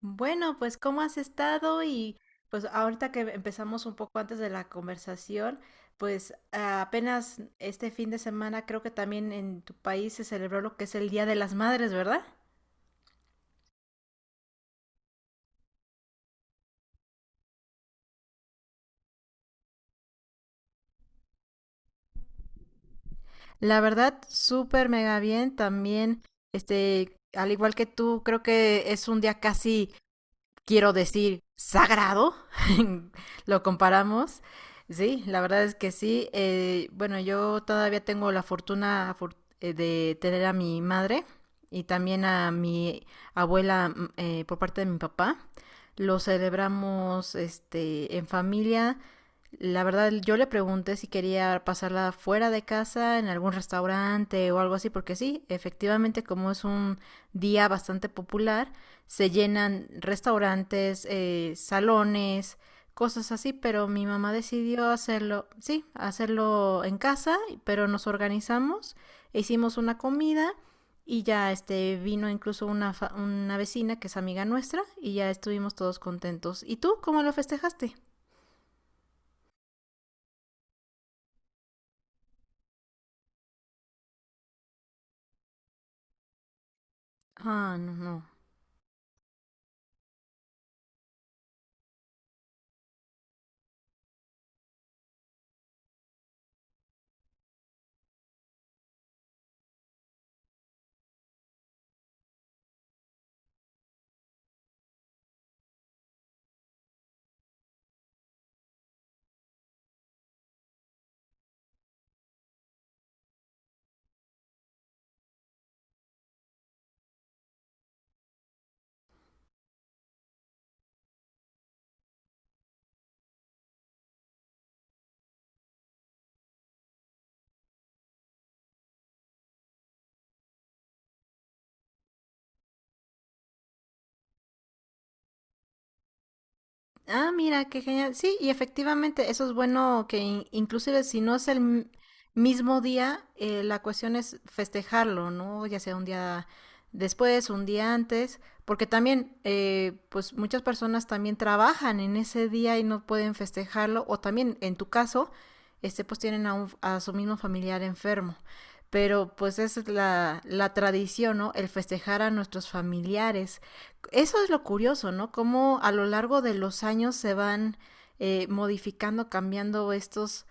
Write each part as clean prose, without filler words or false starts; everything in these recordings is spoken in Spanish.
Bueno, pues ¿cómo has estado? Y pues ahorita que empezamos un poco antes de la conversación, pues apenas este fin de semana creo que también en tu país se celebró lo que es el Día de las Madres, ¿verdad? La verdad, súper mega bien. También, al igual que tú, creo que es un día casi quiero decir, sagrado, lo comparamos. Sí, la verdad es que sí. Bueno, yo todavía tengo la fortuna de tener a mi madre y también a mi abuela por parte de mi papá. Lo celebramos en familia. La verdad, yo le pregunté si quería pasarla fuera de casa, en algún restaurante o algo así, porque sí, efectivamente, como es un día bastante popular, se llenan restaurantes, salones, cosas así, pero mi mamá decidió hacerlo, sí, hacerlo en casa, pero nos organizamos, hicimos una comida y ya vino incluso una, una vecina que es amiga nuestra y ya estuvimos todos contentos. ¿Y tú cómo lo festejaste? Ah, no, no. Ah, mira, qué genial. Sí, y efectivamente, eso es bueno que inclusive si no es el mismo día, la cuestión es festejarlo, ¿no? Ya sea un día después, un día antes, porque también, pues muchas personas también trabajan en ese día y no pueden festejarlo, o también en tu caso, pues tienen a, a su mismo familiar enfermo. Pero pues esa es la, la tradición, ¿no? El festejar a nuestros familiares eso es lo curioso, ¿no? Cómo a lo largo de los años se van modificando, cambiando estos,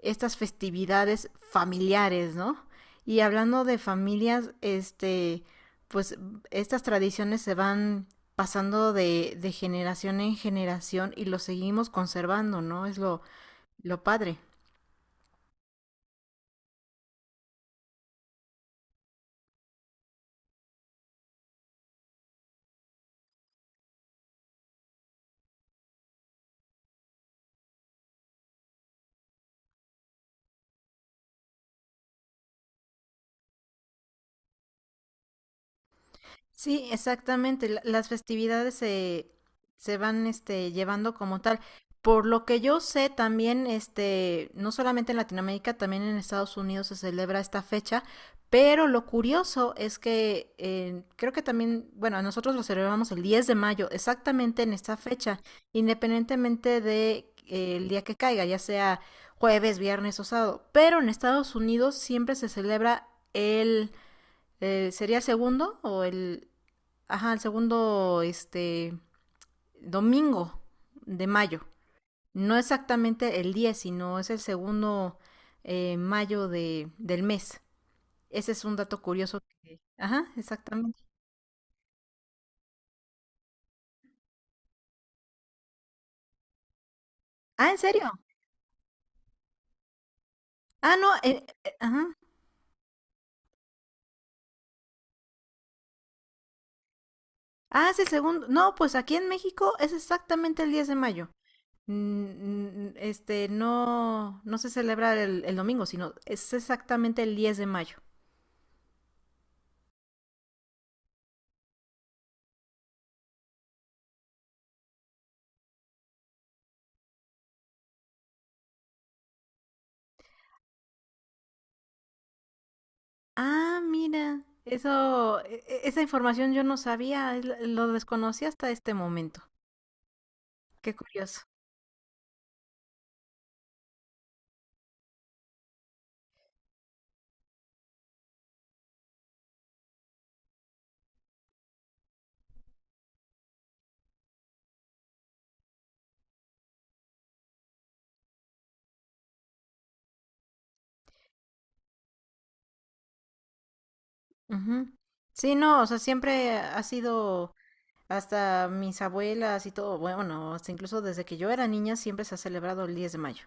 estas festividades familiares, ¿no? Y hablando de familias, pues estas tradiciones se van pasando de generación en generación y lo seguimos conservando, ¿no? Es lo padre. Sí, exactamente. Las festividades se, se van llevando como tal. Por lo que yo sé, también, no solamente en Latinoamérica, también en Estados Unidos se celebra esta fecha. Pero lo curioso es que creo que también, bueno, nosotros lo celebramos el 10 de mayo, exactamente en esta fecha, independientemente de, el día que caiga, ya sea jueves, viernes o sábado. Pero en Estados Unidos siempre se celebra ¿sería segundo o el... Ajá, el segundo, domingo de mayo. No exactamente el 10 sino es el segundo mayo de, del mes. Ese es un dato curioso. Ajá, exactamente. Ah, ¿en serio? Ah, no, ajá. Ah, es el segundo. No, pues aquí en México es exactamente el 10 de mayo. No, no se celebra el domingo, sino es exactamente el 10 de mayo. Ah, mira, eso, esa información yo no sabía, es lo desconocí hasta este momento. Qué curioso. Ujú. Sí, no, o sea, siempre ha sido hasta mis abuelas y todo, bueno, hasta incluso desde que yo era niña siempre se ha celebrado el 10 de mayo.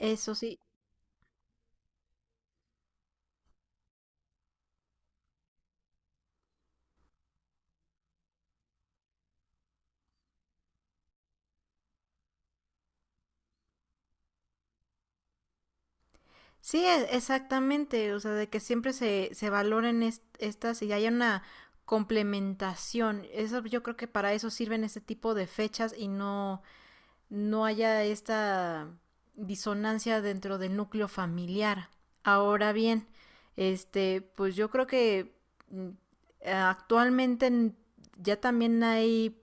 Eso sí, sí, exactamente, o sea, de que siempre se, se valoren estas y haya una complementación. Eso yo creo que para eso sirven este tipo de fechas y no no haya esta disonancia dentro del núcleo familiar. Ahora bien, pues yo creo que mm, actualmente ya también hay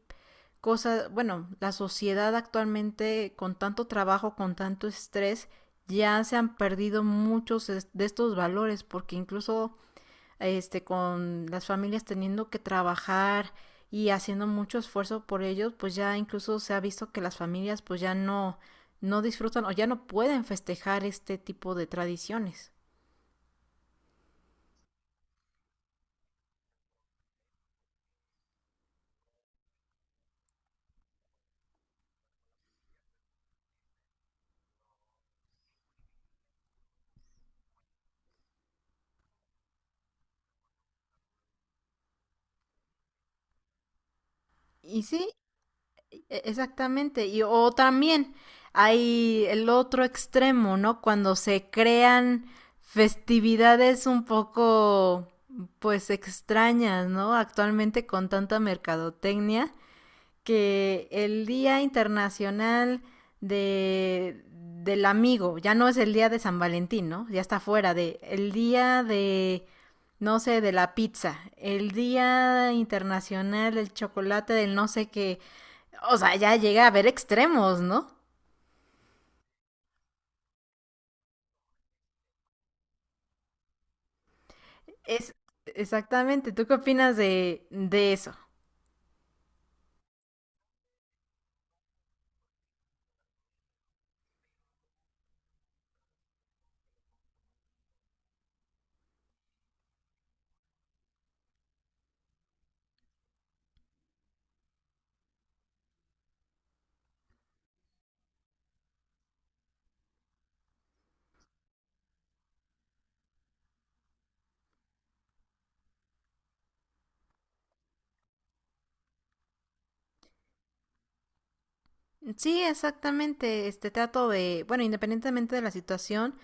cosas, bueno, la sociedad actualmente con tanto trabajo, con tanto estrés, ya se han perdido muchos de estos valores, porque incluso con las familias teniendo que trabajar y haciendo mucho esfuerzo por ellos, pues ya incluso se ha visto que las familias pues ya no, no disfrutan o ya no pueden festejar este tipo de tradiciones. Y sí, exactamente. Y o también hay el otro extremo, ¿no? Cuando se crean festividades un poco pues extrañas, ¿no? Actualmente con tanta mercadotecnia que el Día Internacional de, del Amigo, ya no es el Día de San Valentín, ¿no? Ya está fuera de el Día de, no sé, de la pizza, el Día Internacional del Chocolate, del no sé qué, o sea, ya llega a haber extremos, ¿no? Es exactamente, ¿tú qué opinas de eso? Sí, exactamente. Este trato de, bueno, independientemente de la situación,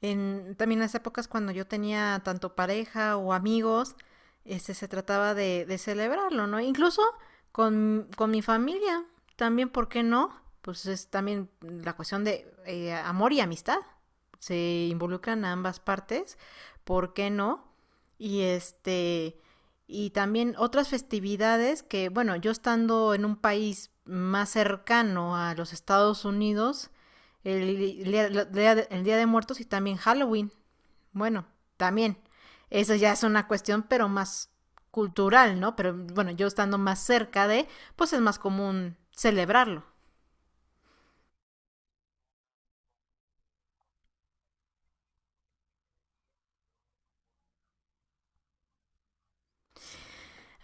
en también las épocas cuando yo tenía tanto pareja o amigos, se trataba de celebrarlo, ¿no? Incluso con mi familia, también, ¿por qué no? Pues es también la cuestión de amor y amistad. Se involucran a ambas partes, ¿por qué no? Y y también otras festividades que, bueno, yo estando en un país más cercano a los Estados Unidos, el, día- el Día de Muertos y también Halloween. Bueno, también. Eso ya es una cuestión, pero más cultural, ¿no? Pero bueno, yo estando más cerca de, pues es más común celebrarlo.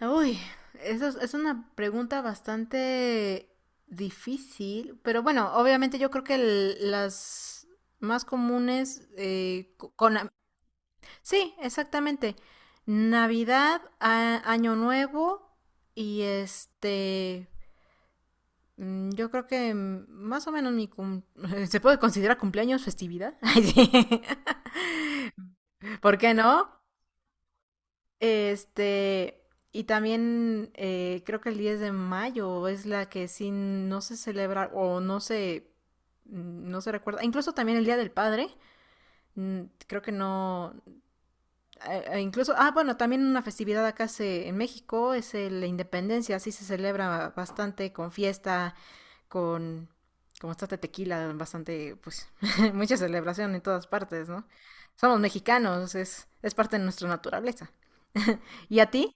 Uy, eso es una pregunta bastante difícil, pero bueno, obviamente yo creo que las más comunes Sí, exactamente. Navidad, Año Nuevo y yo creo que más o menos mi... ¿se puede considerar cumpleaños festividad? Ay, sí. ¿Por qué no? Este, y también creo que el 10 de mayo es la que sí no se celebra o no se, no se recuerda. Incluso también el Día del Padre, creo que no, incluso, bueno, también una festividad acá se, en México es la independencia, sí se celebra bastante con fiesta, con, como está de tequila, bastante, pues, mucha celebración en todas partes, ¿no? Somos mexicanos, es parte de nuestra naturaleza. ¿Y a ti?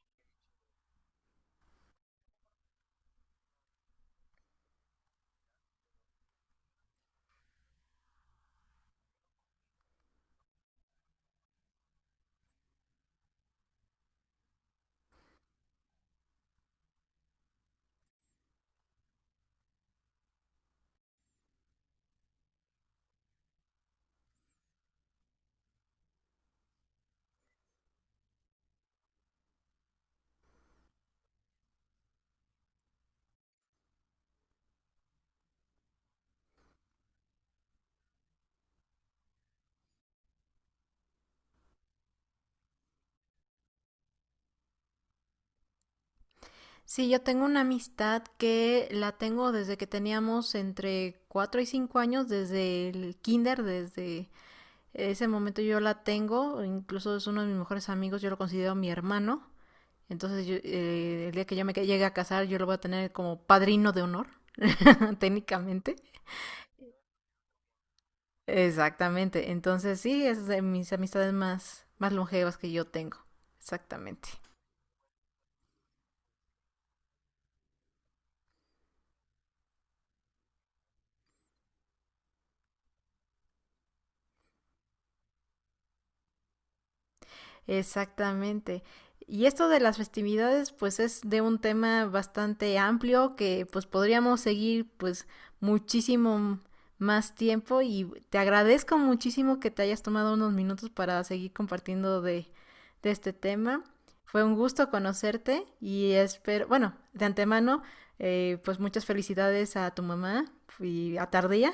Sí, yo tengo una amistad que la tengo desde que teníamos entre 4 y 5 años, desde el kinder, desde ese momento yo la tengo, incluso es uno de mis mejores amigos, yo lo considero mi hermano, entonces yo, el día que yo me llegue a casar yo lo voy a tener como padrino de honor, técnicamente. Exactamente, entonces sí, es de mis amistades más, más longevas que yo tengo, exactamente. Exactamente. Y esto de las festividades, pues es de un tema bastante amplio que pues podríamos seguir pues muchísimo más tiempo y te agradezco muchísimo que te hayas tomado unos minutos para seguir compartiendo de este tema. Fue un gusto conocerte y espero, bueno, de antemano, pues muchas felicidades a tu mamá y a Tardía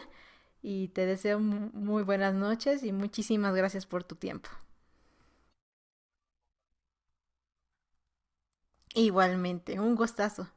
y te deseo muy buenas noches y muchísimas gracias por tu tiempo. Igualmente, un gustazo.